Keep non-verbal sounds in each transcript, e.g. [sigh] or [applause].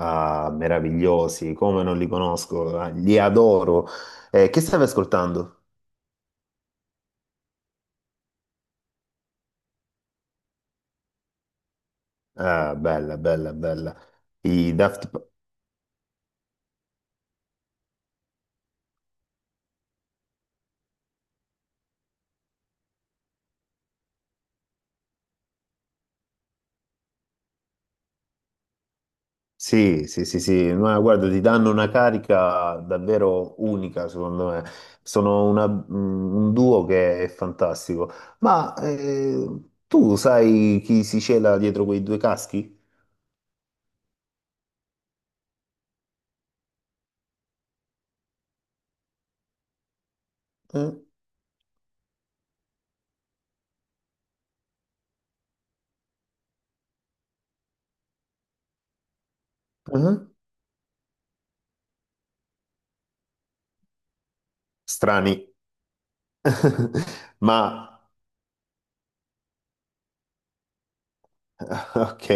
Ah, meravigliosi, come non li conosco, ah, li adoro. Che stavi ascoltando? Ah, bella, bella, bella. I Daft P- Sì, sì, sì, sì, ma guarda, ti danno una carica davvero unica, secondo me. Un duo che è fantastico. Ma tu sai chi si cela dietro quei due caschi? Eh? Mhm. Strani. [laughs] Ma, [laughs] ok.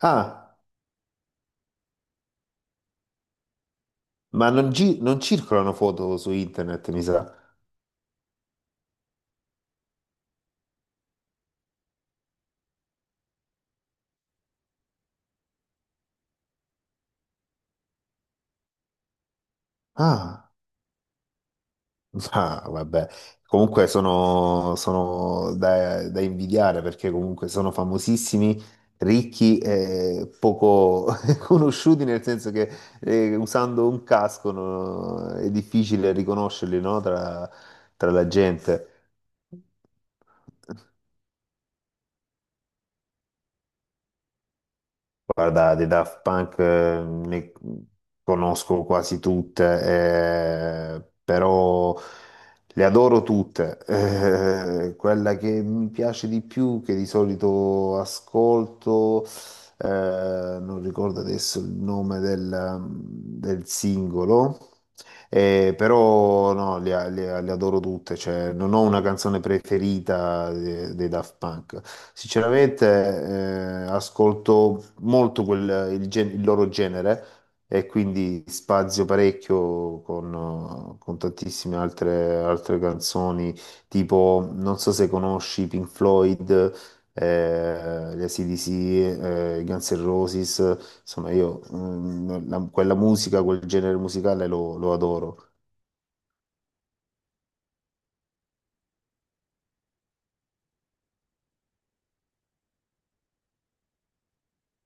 Ah. Ma non, non circolano foto su internet, mi sa. Ah, [laughs] ah, vabbè. Comunque sono da invidiare, perché comunque sono famosissimi, ricchi e poco [laughs] conosciuti, nel senso che usando un casco, no, è difficile riconoscerli, no, tra la gente. Guarda, dei Daft Punk ne conosco quasi tutte, però le adoro tutte. Quella che mi piace di più, che di solito ascolto, non ricordo adesso il nome del singolo, però no, le adoro tutte, cioè, non ho una canzone preferita dei Daft Punk. Sinceramente, ascolto molto il loro genere e quindi spazio parecchio con tantissime altre canzoni, tipo, non so se conosci Pink Floyd, gli AC/DC, i Guns N' Roses, insomma io quella musica, quel genere musicale lo adoro.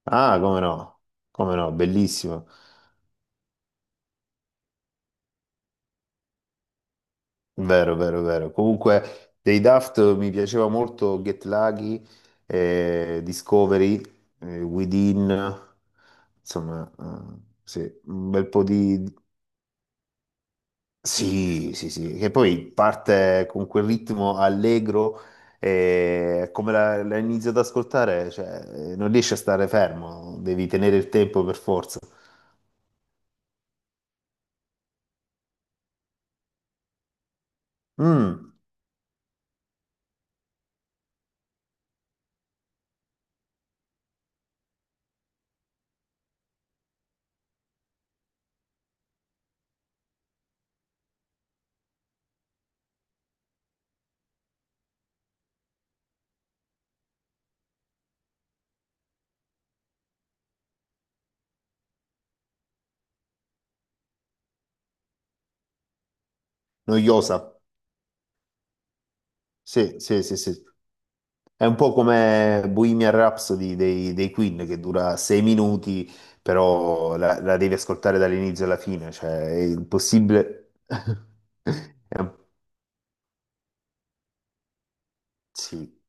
Ah, come no, come no, bellissimo, vero, vero, vero. Comunque dei Daft mi piaceva molto Get Lucky, Discovery, Within, insomma, sì, un bel po' di, sì, sì, sì, che poi parte con quel ritmo allegro e come la inizio ad ascoltare, cioè, non riesci a stare fermo, devi tenere il tempo per forza. Mm, noiosa, sì, sì, sì, sì. È un po' come Bohemian Rhapsody dei Queen che dura 6 minuti, però la devi ascoltare dall'inizio alla fine, cioè è impossibile. [laughs] È un- Sì.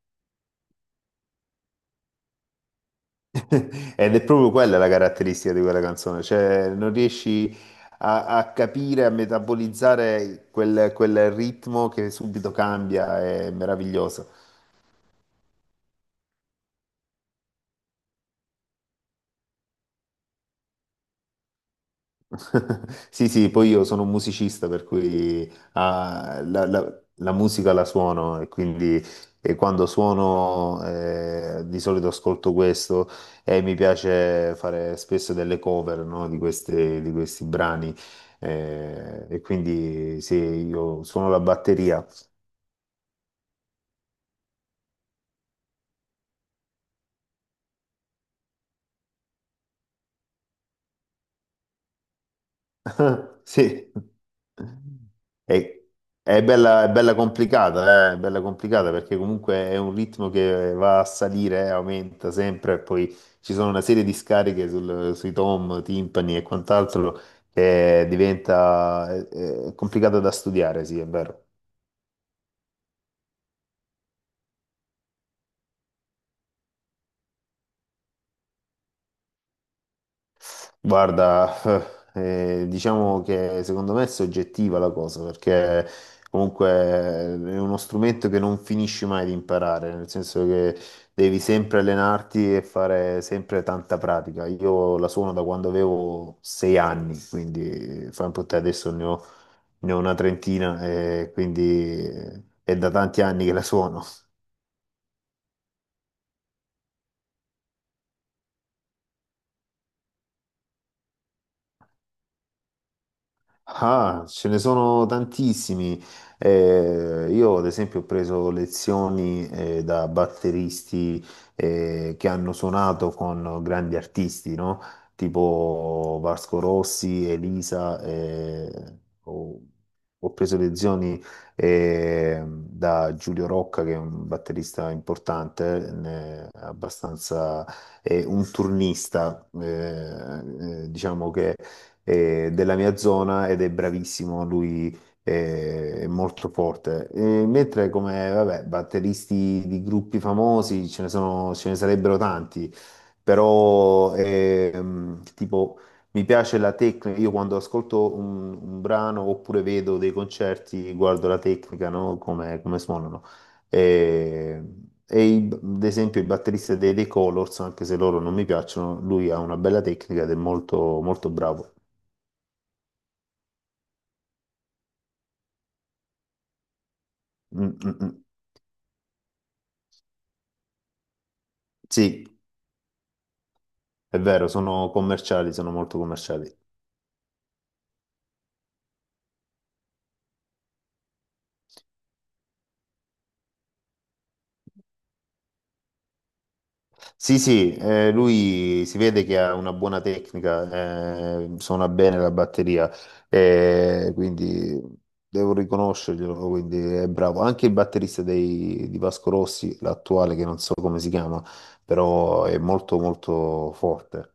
[laughs] Ed è proprio quella la caratteristica di quella canzone, cioè non riesci a capire, a metabolizzare quel ritmo che subito cambia, è meraviglioso. [laughs] Sì, sì, poi io sono un musicista, per cui la musica la suono e quindi quando suono di solito ascolto questo e mi piace fare spesso delle cover, no, di di questi brani e quindi sì, io suono la batteria. [laughs] Sì, è, è bella, è bella complicata, è bella complicata perché comunque è un ritmo che va a salire, aumenta sempre e poi ci sono una serie di scariche sui tom, timpani e quant'altro che diventa è complicata da studiare, sì, è vero. Guarda, diciamo che secondo me è soggettiva la cosa, perché comunque è uno strumento che non finisci mai di imparare, nel senso che devi sempre allenarti e fare sempre tanta pratica. Io la suono da quando avevo 6 anni, quindi fa un po' te adesso ne ho, una trentina, e quindi è da tanti anni che la suono. Ah, ce ne sono tantissimi. Io, ad esempio, ho preso lezioni da batteristi che hanno suonato con grandi artisti, no? Tipo Vasco Rossi, Elisa. Ho, ho preso lezioni da Giulio Rocca, che è un batterista importante, abbastanza un turnista, diciamo che della mia zona ed è bravissimo, lui è molto forte. E mentre come, vabbè, batteristi di gruppi famosi ce ne sono, ce ne sarebbero tanti, però tipo... Mi piace la tecnica, io quando ascolto un brano oppure vedo dei concerti, guardo la tecnica, no? Come suonano. E, e ad esempio il batterista dei The Colors, anche se loro non mi piacciono, lui ha una bella tecnica ed è molto, molto bravo. Mm, mm, mm. Sì, è vero, sono commerciali, sono molto commerciali. Sì, sì, lui si vede che ha una buona tecnica, suona bene la batteria, quindi devo riconoscerglielo, quindi è bravo. Anche il batterista di Vasco Rossi, l'attuale, che non so come si chiama, però è molto molto forte.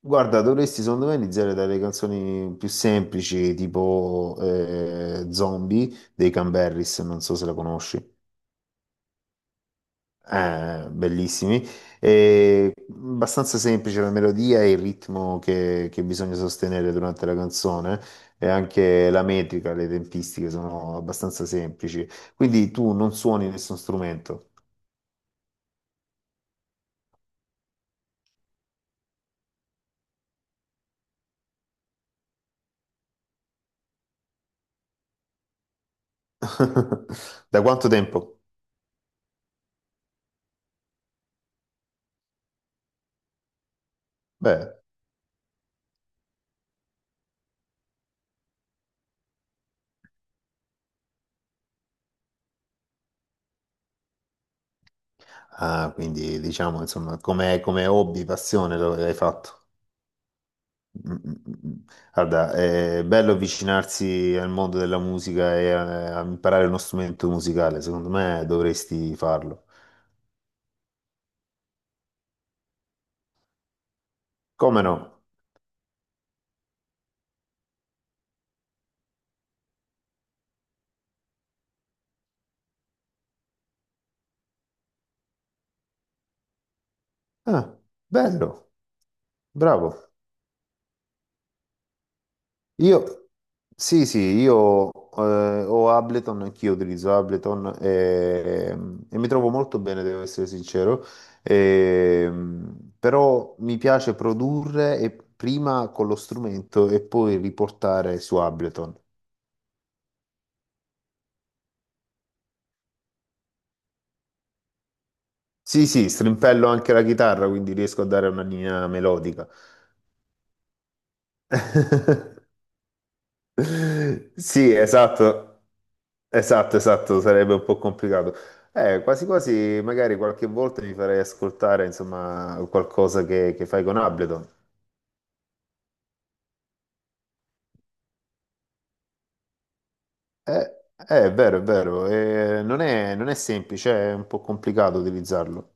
Guarda, dovresti secondo me iniziare dalle canzoni più semplici, tipo Zombie dei Camberris, non so se la conosci, bellissimi, e abbastanza semplice la melodia e il ritmo che bisogna sostenere durante la canzone e anche la metrica, le tempistiche sono abbastanza semplici, quindi tu non suoni nessun strumento. [laughs] Da quanto tempo? Beh, quindi diciamo insomma come hobby, passione l'hai fatto. Mm, mm, mm. Guarda, è bello avvicinarsi al mondo della musica e a imparare uno strumento musicale. Secondo me dovresti farlo. Come no? Ah, bello, bravo. Io, sì, sì, io ho Ableton, anch'io utilizzo Ableton e mi trovo molto bene, devo essere sincero. Però mi piace produrre e prima con lo strumento e poi riportare su Ableton. Sì, sì, strimpello anche la chitarra, quindi riesco a dare una linea melodica. [laughs] Sì, esatto, esatto, esatto, sarebbe un po' complicato. Quasi quasi, magari qualche volta mi farei ascoltare, insomma, qualcosa che fai con Ableton. Eh, è vero, è vero, non è semplice, è un po' complicato utilizzarlo.